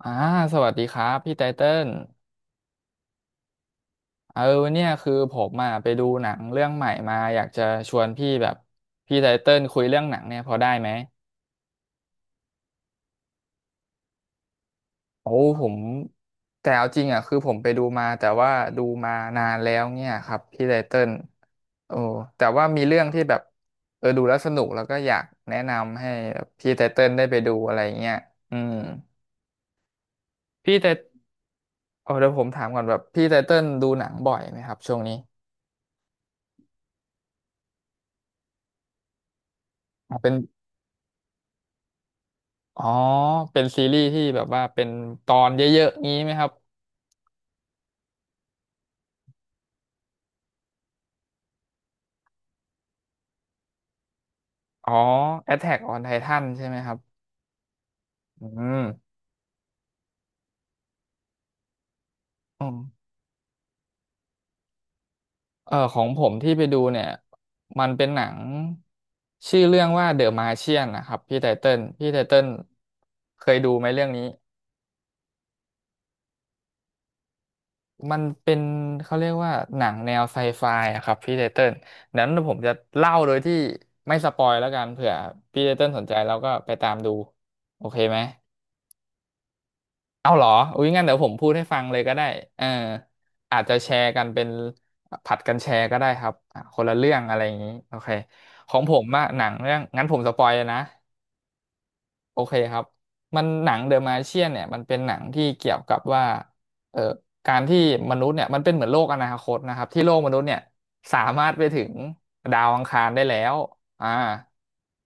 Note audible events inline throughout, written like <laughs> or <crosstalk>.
อ่าสวัสดีครับพี่ไตเติ้ลเออเนี่ยคือผมอ่ะไปดูหนังเรื่องใหม่มาอยากจะชวนพี่แบบพี่ไตเติ้ลคุยเรื่องหนังเนี่ยพอได้ไหมโอ้ผมแต่เอาจริงอ่ะคือผมไปดูมาแต่ว่าดูมานานแล้วเนี่ยครับพี่ไตเติ้ลโอ้แต่ว่ามีเรื่องที่แบบดูแล้วสนุกแล้วก็อยากแนะนำให้แบบพี่ไตเติ้ลได้ไปดูอะไรเงี้ยอืมพี่ไตเดี๋ยวผมถามก่อนแบบพี่ไตเติ้ลดูหนังบ่อยไหมครับช่วงนี้อ่ะเป็น อ๋อ เป็นซีรีส์ที่แบบว่าเป็นตอนเยอะๆงี้ไหมครับ อ๋อ Attack on Titan ใช่ไหมครับ อืม อืมของผมที่ไปดูเนี่ย มันเป็นหนังชื่อเรื่องว่า The Martian นะครับพี่ไตเติ้ลเคยดูไหมเรื่องนี้ มันเป็นเขาเรียกว่าหนังแนวไซไฟอะครับพี่ไตเติ้ลนั้นผมจะเล่าโดยที่ไม่สปอยแล้วกันเผื่อพี่ไตเติ้ลสนใจแล้วก็ไปตามดูโอเคไหม เอาเหรออุ้ยงั้นเดี๋ยวผมพูดให้ฟังเลยก็ได้เอออาจจะแชร์กันเป็นผัดกันแชร์ก็ได้ครับอ่ะคนละเรื่องอะไรอย่างนี้โอเคของผมอะหนังเรื่องงั้นผมสปอยเลยนะ โอเคครับมันหนังเดอะมาเชียนเนี่ยมันเป็นหนังที่เกี่ยวกับว่าเอ่อการที่มนุษย์เนี่ยมันเป็นเหมือนโลกอนาคตนะครับที่โลกมนุษย์เนี่ยสามารถไปถึงดาวอังคารได้แล้วอ่า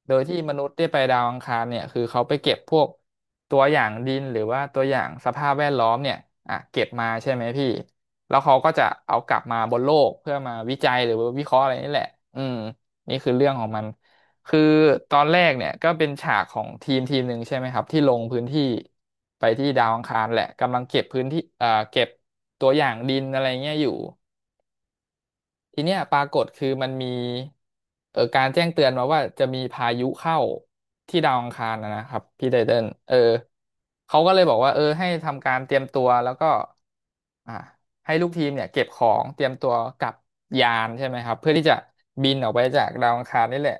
โดยที่มนุษย์ได้ไปดาวอังคารเนี่ยคือเขาไปเก็บพวกตัวอย่างดินหรือว่าตัวอย่างสภาพแวดล้อมเนี่ยอ่ะเก็บมาใช่ไหมพี่แล้วเขาก็จะเอากลับมาบนโลกเพื่อมาวิจัยหรือว่าวิเคราะห์อะไรนี่แหละอืมนี่คือเรื่องของมัน คือตอนแรกเนี่ยก็เป็นฉากของทีมทีมหนึ่งใช่ไหมครับที่ลงพื้นที่ไปที่ดาวอังคารแหละกำลังเก็บพื้นที่เก็บตัวอย่างดินอะไรเงี้ยอยู่ ทีเนี้ยปรากฏคือมันมีการแจ้งเตือนมาว่าจะมีพายุเข้าที่ดาวอังคารนะนะครับพี่ไตเติ้ลเขาก็เลยบอกว่าให้ทำการเตรียมตัวแล้วก็อ่าให้ลูกทีมเนี่ยเก็บของเตรียมตัวกลับยานใช่ไหมครับเพื่อที่จะบินออกไปจากดาวอังคารนี่แหละ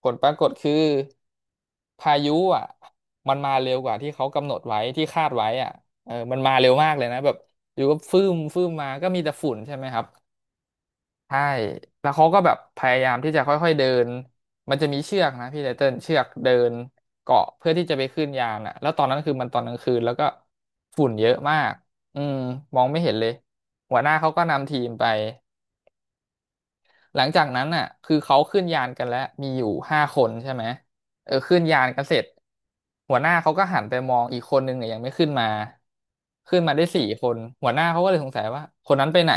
ผลปรากฏคือพายุอ่ะมันมาเร็วกว่าที่เขากำหนดไว้ที่คาดไว้อ่ะมันมาเร็วมากเลยนะแบบอยู่ก็ฟื้มฟื้มมาก็มีแต่ฝุ่นใช่ไหมครับ ใช่แล้วเขาก็แบบพยายามที่จะค่อยๆเดิน มันจะมีเชือกนะพี่ไตเติ้ลเชือกเดินเกาะเพื่อที่จะไปขึ้นยานอ่ะแล้วตอนนั้นคือมันตอนกลางคืนแล้วก็ฝุ่นเยอะมากอืมมองไม่เห็นเลย หัวหน้าเขาก็นำทีมไป หลังจากนั้นน่ะคือเขาขึ้นยานกันแล้วมีอยู่ห้าคนใช่ไหมขึ้นยานกันเสร็จหัวหน้าเขาก็หันไปมองอีกคนนึงเนี่ยยังไม่ขึ้นมาขึ้นมาได้สี่คนหัวหน้าเขาก็เลยสงสัยว่าคนนั้นไปไหน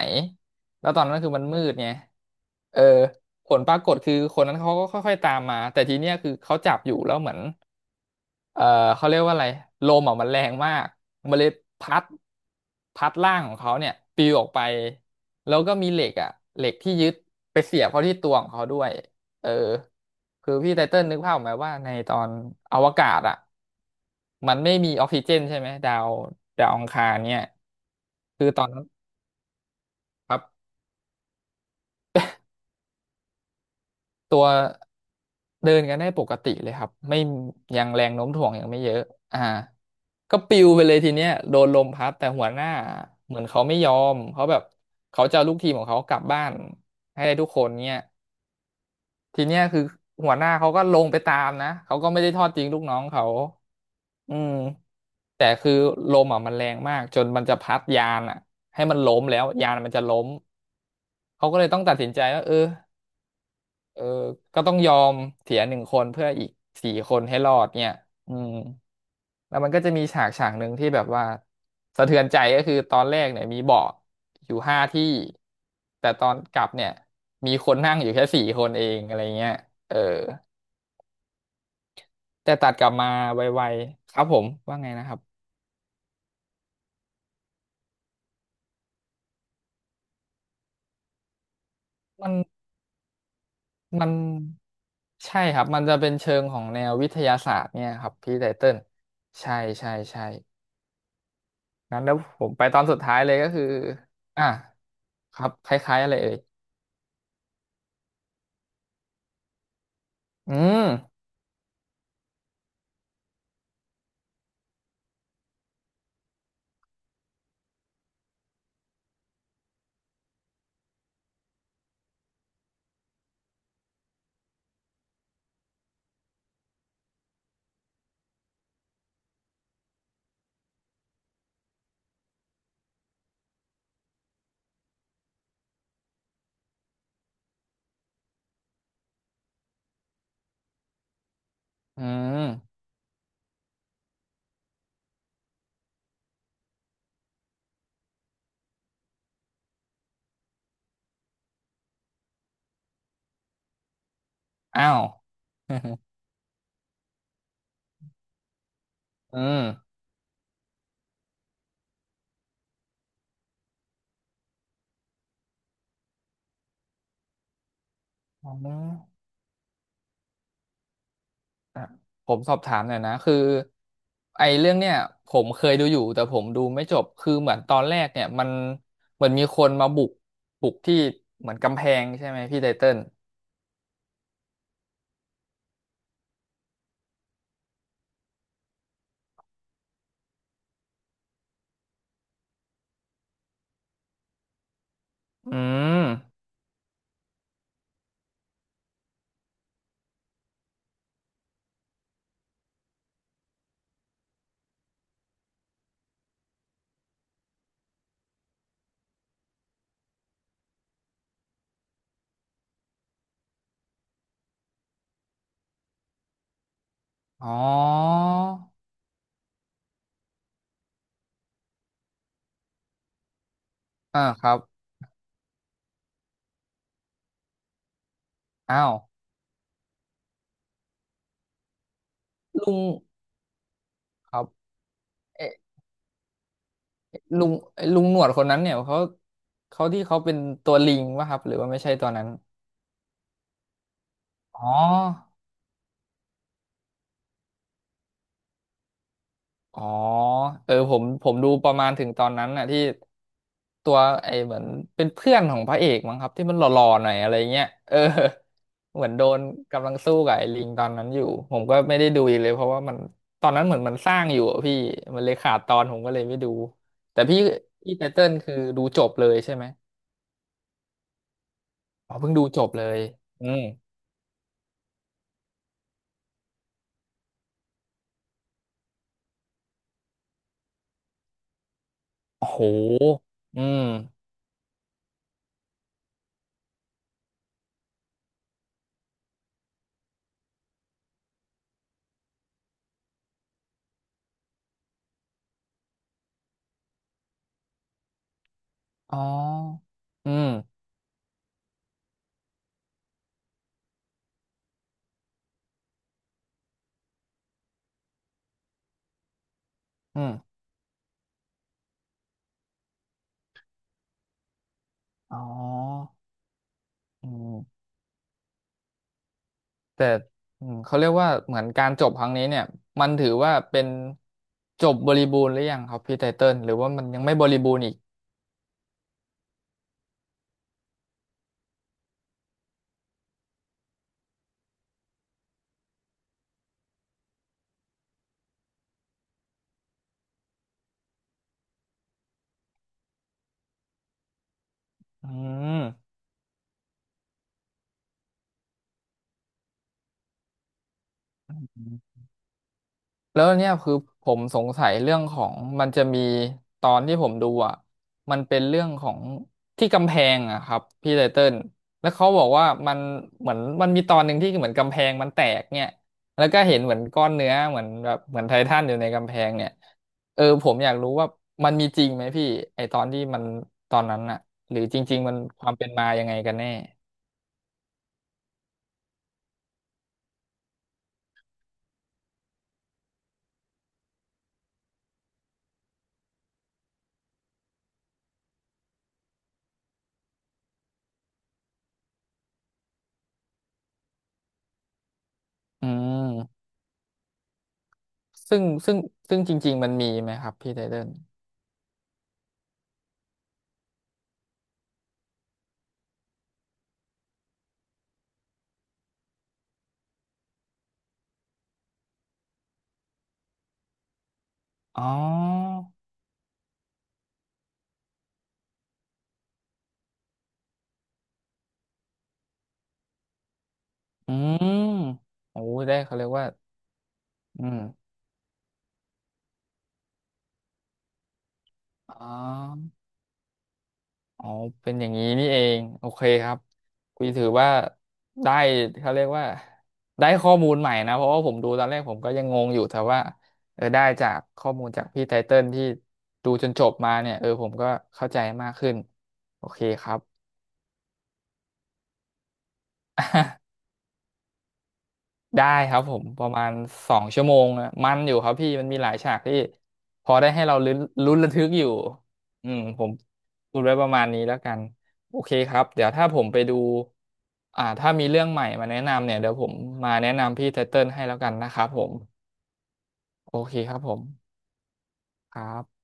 แล้วตอนนั้นคือมันมืดไงเออผลปรากฏคือคนนั้นเขาก็ค่อยๆตามมาแต่ทีเนี้ยคือเขาจับอยู่แล้วเหมือน เอ่อเขาเรียกว่าอะไรลมอ่ะมันแรงมากมันเลยพัดพัดร่างของเขาเนี่ยปลิวออกไปแล้วก็มีเหล็กอ่ะเหล็กที่ยึดไปเสียบเข้าที่ตัวของเขาด้วยเออคือพี่ไตเติ้ลนึกภาพออกไหมว่าในตอนอวกาศอ่ะมันไม่มีออกซิเจนใช่ไหมดาวอังคารเนี่ยคือตอนนั้นครับ ตัวเดินกันได้ปกติเลยครับไม่ยังแรงโน้มถ่วงยังไม่เยอะอ่าก็ปิวไปเลยทีเนี้ยโดนลมพัดแต่หัวหน้าเหมือนเขาไม่ยอมเขาแบบเขาจะเอาลูกทีมของเขากลับบ้านให้ได้ทุกคนเนี่ยทีเนี้ยคือหัวหน้าเขาก็ลงไปตามนะเขาก็ไม่ได้ทอดทิ้งลูกน้องเขาอืมแต่คือลมอ่ะมันแรงมากจนมันจะพัดยานอ่ะให้มันล้มแล้วยานมันจะล้มเขาก็เลยต้องตัดสินใจว่าเออ เออก็ต้องยอมเสีย1 คนเพื่ออีกสี่คนให้รอดเนี่ยอืมแล้วมันก็จะมีฉากฉากหนึ่งที่แบบว่าสะเทือนใจก็คือตอนแรกเนี่ยมีเบาะอยู่5 ที่แต่ตอนกลับเนี่ยมีคนนั่งอยู่แค่สี่คนเองอะไรเงี้ยเออแต่ตัดกลับมาไวๆครับผมว่าไงนะครับมันมันใช่ครับมันจะเป็นเชิงของแนววิทยาศาสตร์เนี่ยครับพี่ไตเติ้ลใช่ใช่ใช่ งั้นแล้วผมไปตอนสุดท้ายเลยก็คืออ่ะครับคล้ายๆอะไรเอ่ยอืมอืมอ้าว <laughs> อืมอ๋ออ่ะผมสอบถามหน่อยนะคือไอ้เรื่องเนี่ยผมเคยดูอยู่แต่ผมดูไม่จบคือเหมือนตอนแรกเนี่ยมันเหมือนมีคนมาบุกที่เหมือนกำแพงใช่ไหมพี่ไตเติ้ลอืมอ๋ออ่าครับอ้าวลุงครับ ลุงลุงหนวดคนนั้นเนี่ยเขาที่เขาเป็นตัวลิงป่ะครับหรือว่าไม่ใช่ตัวนั้นอ๋ออ๋อเออผมดูประมาณถึงตอนนั้นน่ะที่ตัวไอ้เหมือนเป็นเพื่อนของพระเอกมั้งครับที่มันหล่อๆหน่อยอะไรเงี้ยเออเหมือนโดนกำลังสู้กับไอ้ลิงตอนนั้นอยู่ผมก็ไม่ได้ดูอีกเลยเพราะว่ามันตอนนั้นเหมือนมันสร้างอยู่อะพี่มันเลยขาดตอนผมก็เลยไม่ดูแต่พี่ไตเติ้ลคือดูจบเลยใช่ไหมอ๋อเพิ่งดูจบเลยอืม โอ้โห อืมอ๋ออืม อืมอ๋ออืมแต่อืมเขาเรียกว่าเหมือนการจบครั้งนี้เนี่ยมันถือว่าเป็นจบบริบูรณ์หรือยังครับพี่ไตเติ้ลหรือว่ามันยังไม่บริบูรณ์อีกอืม แล้วเนี่ยคือผมสงสัยเรื่องของมันจะมีตอนที่ผมดูอ่ะมันเป็นเรื่องของที่กำแพงอะครับพี่ไตเติ้ลแล้วเขาบอกว่ามันเหมือนมันมีตอนหนึ่งที่เหมือนกำแพงมันแตกเนี่ยแล้วก็เห็นเหมือนก้อนเนื้อเหมือนแบบเหมือนไททันอยู่ในกำแพงเนี่ยเออผมอยากรู้ว่ามันมีจริงไหมพี่ไอตอนที่มันตอนนั้นอะหรือจริงๆมันความเป็นมายังไงกันแน่อืมซึ่งซึ่งซึ่งจริงๆมันมีไหมครับพี่ไตเติ้ลอ๋อ อืมโอ้ได้เขาเรียกว่าอืมอ๋ออ๋อเป็นอย่างนี้นี่เอง โอเคครับคุยถือว่าได้เขาเรียกว่าได้ข้อมูลใหม่นะ เพราะว่าผมดูตอนแรกผมก็ยังงงอยู่แต่ว่าเออได้จากข้อมูลจากพี่ไตเติ้ลที่ดูจนจบมาเนี่ยเออผมก็เข้าใจมากขึ้น โอเคครับ <laughs> ได้ครับผมประมาณ2 ชั่วโมงอะมันอยู่ครับพี่มันมีหลายฉากที่พอได้ให้เราลุ้นระทึกอยู่อืมผมพูดไว้ประมาณนี้แล้วกันโอเคครับเดี๋ยวถ้าผมไปดูอ่าถ้ามีเรื่องใหม่มาแนะนำเนี่ยเดี๋ยวผมมาแนะนำพี่ไทเติ้ลให้แล้วกันนะครับผมโอเคครับผมครับ